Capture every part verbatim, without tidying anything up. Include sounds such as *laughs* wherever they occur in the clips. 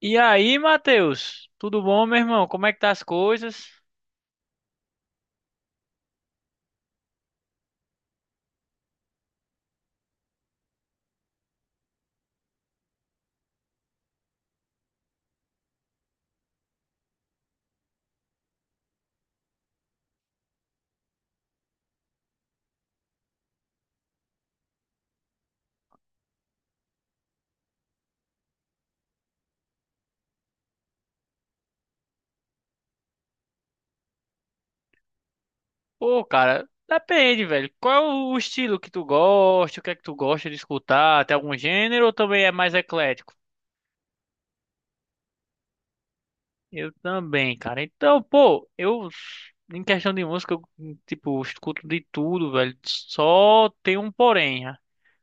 E aí, Matheus? Tudo bom, meu irmão? Como é que tá as coisas? Pô, cara, depende, velho. Qual é o estilo que tu gosta? O que é que tu gosta de escutar? Tem algum gênero ou também é mais eclético? Eu também, cara. Então, pô, eu, em questão de música, eu, tipo, escuto de tudo, velho. Só tem um porém. A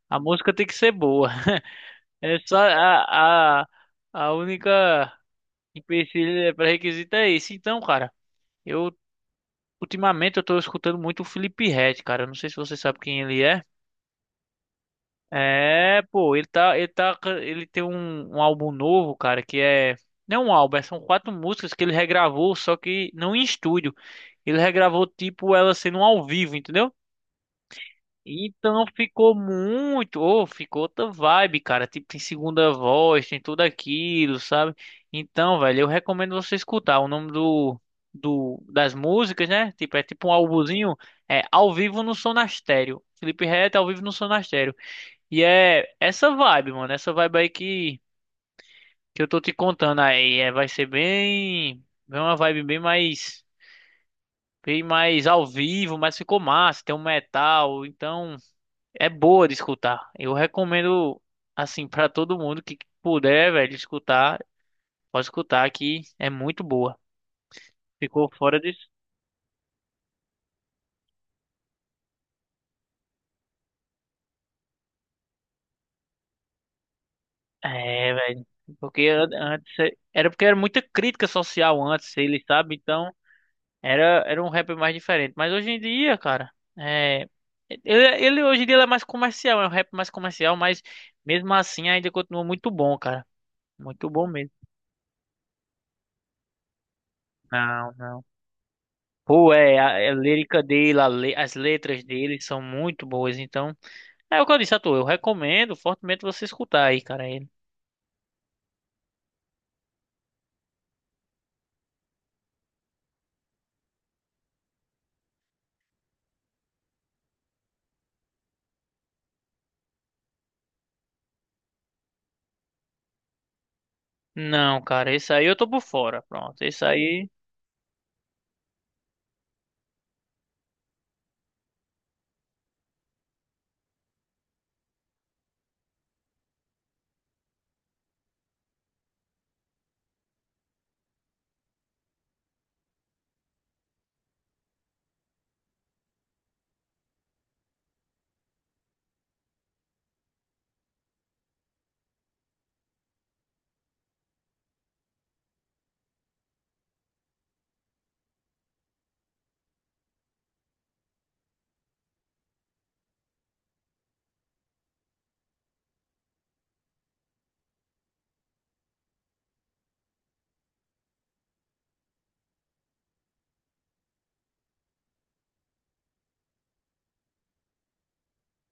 a música tem que ser boa. *laughs* É só a, a, a única empecilho, é, pré-requisito é esse. Então, cara. Eu Ultimamente eu tô escutando muito o Felipe Ret, cara. Eu não sei se você sabe quem ele é. É, pô, ele tá, ele tá, ele tem um, um álbum novo, cara, que é, não é um álbum, é- são quatro músicas que ele regravou, só que não em estúdio. Ele regravou tipo ela sendo ao vivo, entendeu? Então ficou muito, ou ficou outra vibe, cara. Tipo, tem segunda voz, tem tudo aquilo, sabe? Então, velho, eu recomendo você escutar. O nome do, do das músicas, né? Tipo, é tipo um álbumzinho, é Ao Vivo no Sonastério. Felipe Ret Ao Vivo no Sonastério. E é essa vibe, mano, essa vibe aí que que eu tô te contando aí, é, vai ser bem, bem uma vibe bem mais bem mais ao vivo, mas ficou massa, tem um metal, então é boa de escutar. Eu recomendo, assim, pra todo mundo que puder, velho, escutar, pode escutar que é muito boa. Ficou fora de. É, velho. Porque an- antes é- era porque era muita crítica social antes, ele sabe, então era era um rap mais diferente. Mas hoje em dia, cara, é ele, ele hoje em dia ele é mais comercial, é um rap mais comercial, mas mesmo assim ainda continua muito bom, cara. Muito bom mesmo. Não, não. Pô, é, a, é a lírica dele, a le- as letras dele são muito boas, então. É o que eu disse a tu, eu recomendo fortemente você escutar aí, cara. Ele. Não, cara, esse aí eu tô por fora, pronto. Esse aí.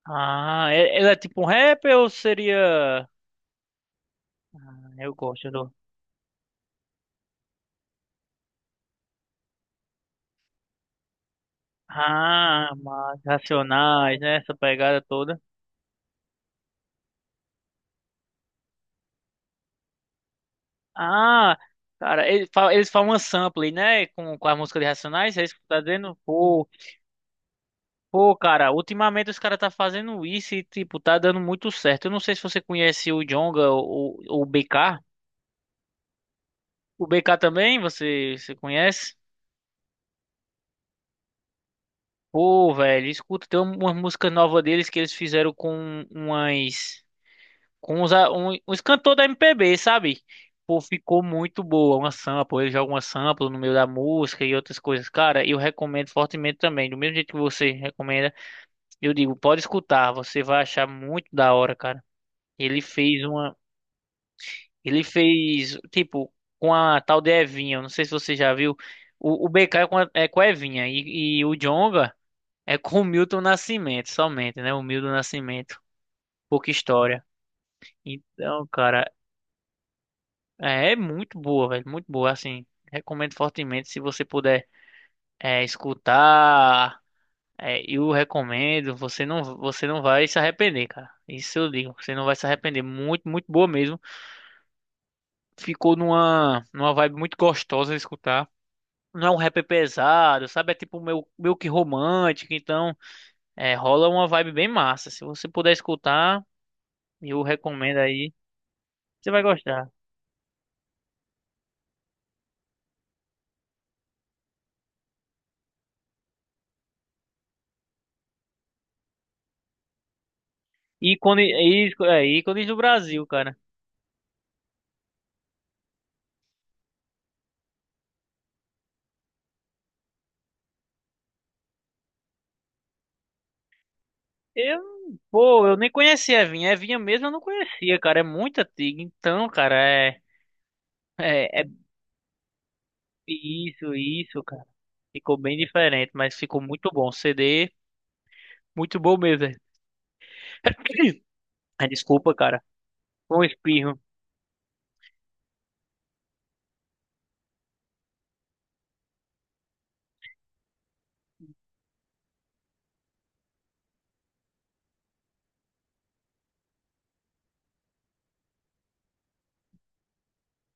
Ah, é- ele é tipo um rapper ou seria. Eu gosto do. Ah, mas Racionais, né? Essa pegada toda. Ah, cara, ele fa- eles falam uma sample, né? Com, com a música de Racionais, é isso que tu tá dizendo? Pô, Pô, cara, ultimamente os caras tá fazendo isso e, tipo, tá dando muito certo. Eu não sei se você conhece o Djonga ou ou o B K. O B K também, você, você conhece? Pô, velho, escuta, tem uma música nova deles que eles fizeram com umas... Com uns, a- um, uns cantores da M P B, sabe? Pô, ficou muito boa, uma sample. Eles jogam uma sample no meio da música e outras coisas. Cara, eu recomendo fortemente também. Do mesmo jeito que você recomenda, eu digo, pode escutar, você vai achar muito da hora, cara. Ele fez uma Ele fez, tipo, com a tal de Evinha. Eu Não sei se você já viu. O, o B K é com a, é com a Evinha. E, e o Djonga é com o Milton Nascimento, somente, né? O Milton Nascimento. Pouca história. Então, cara, é, é muito boa, velho. Muito boa, assim. Recomendo fortemente se você puder é, escutar. É, eu recomendo. Você não, você não vai se arrepender, cara. Isso eu digo. Você não vai se arrepender. Muito, muito boa mesmo. Ficou numa, numa vibe muito gostosa de escutar. Não é um rap pesado, sabe? É tipo meio, meio que romântico, então é, rola uma vibe bem massa. Se você puder escutar, eu recomendo aí, você vai gostar. Ícone, ícone, é, ícones do Brasil, cara. Eu, pô, eu nem conhecia a Evinha. A Evinha mesmo eu não conhecia, cara. É muito antiga, então, cara, é, é, é isso, isso, cara. Ficou bem diferente, mas ficou muito bom. C D, muito bom mesmo. *coughs* Ah, desculpa, cara. Foi um espirro.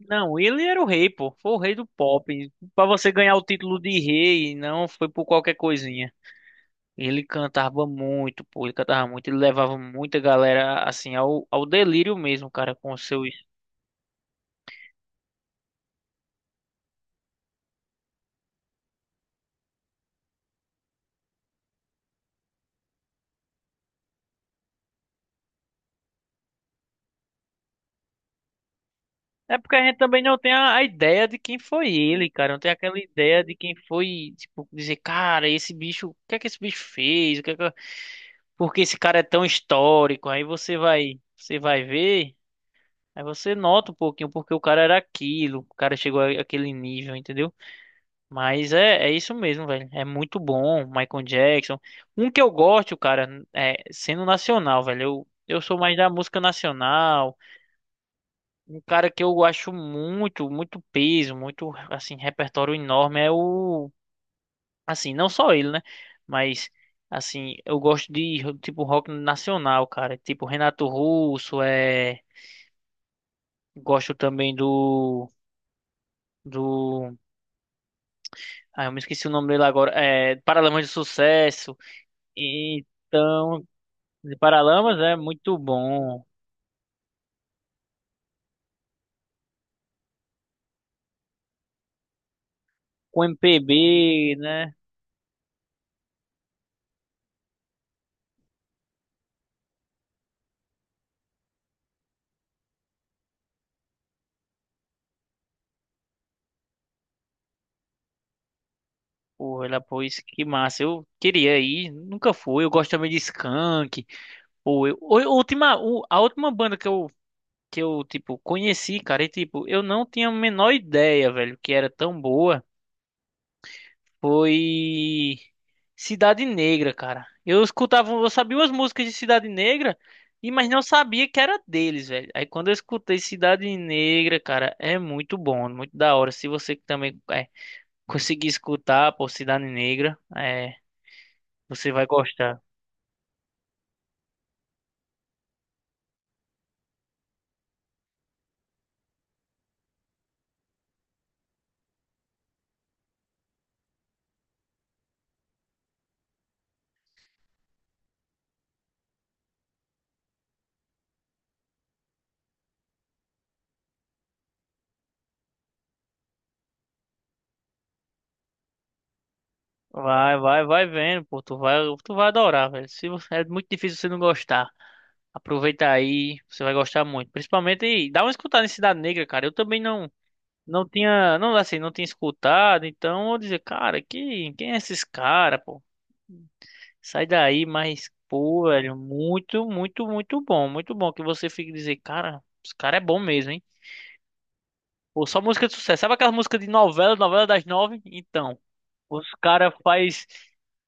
Não, ele era o rei, pô. Foi o rei do pop. Pra você ganhar o título de rei, não foi por qualquer coisinha. Ele cantava muito, pô. Ele cantava muito. Ele levava muita galera, assim, ao, ao delírio mesmo, cara, com os seus. É porque a gente também não tem a, a ideia de quem foi ele, cara. Não tem aquela ideia de quem foi, tipo, dizer, cara, esse bicho, o que é que esse bicho fez? O que é que... Porque esse cara é tão histórico. Aí você vai, você vai ver. Aí você nota um pouquinho porque o cara era aquilo, o cara chegou a- àquele nível, entendeu? Mas é, é isso mesmo, velho. É muito bom, Michael Jackson. Um que eu gosto, cara, é sendo nacional, velho. Eu, eu sou mais da música nacional. Um cara que eu acho muito, muito peso, muito, assim, repertório enorme é o. Assim, não só ele, né? Mas, assim, eu gosto de, tipo, rock nacional, cara. Tipo, Renato Russo, é. Gosto também do. Do. Ah, eu me esqueci o nome dele agora. É. Paralamas de Sucesso. Então. De Paralamas é muito bom. Com M P B, né? Porra, ela pôs que massa. Eu queria ir, nunca fui. Eu gosto também de Skank. Ou eu, ou eu- última, o- a última banda que eu, que eu, tipo, conheci, cara, e tipo, eu não tinha a menor ideia, velho, que era tão boa. Foi Cidade Negra, cara. Eu escutava, eu sabia umas músicas de Cidade Negra, e mas não sabia que era deles, velho. Aí quando eu escutei Cidade Negra, cara, é muito bom, muito da hora. Se você também é, conseguir escutar, pô, Cidade Negra, é, você vai gostar. Vai, vai, vai vendo, pô, tu vai, tu vai adorar, velho. Se você, é muito difícil você não gostar. Aproveita aí, você vai gostar muito. Principalmente, dá uma escutada em Cidade Negra, cara. Eu também não não tinha, não assim, não tinha escutado, então eu dizer, cara, que, quem é esses cara, pô? Sai daí, mas pô, velho, muito, muito, muito bom, muito bom que você fique dizer, cara, os cara é bom mesmo, hein? Pô, só música de sucesso. Sabe aquela música de novela, novela das nove? Então, os cara faz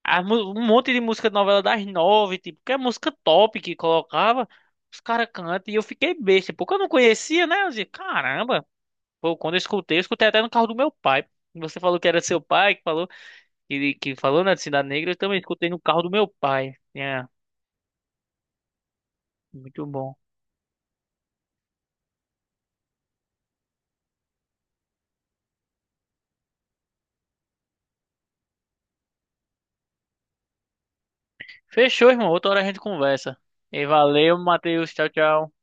a mu- um monte de música de novela das nove, tipo, que é música top que colocava, os cara cantam e eu fiquei besta, porque eu não conhecia, né? Eu dizia, caramba, Pô, quando eu escutei, eu escutei até no carro do meu pai. Você falou que era seu pai que falou, que, que falou na Cidade Negra, eu também escutei no carro do meu pai. É, muito bom. Fechou, irmão. Outra hora a gente conversa. E valeu, Matheus. Tchau, tchau.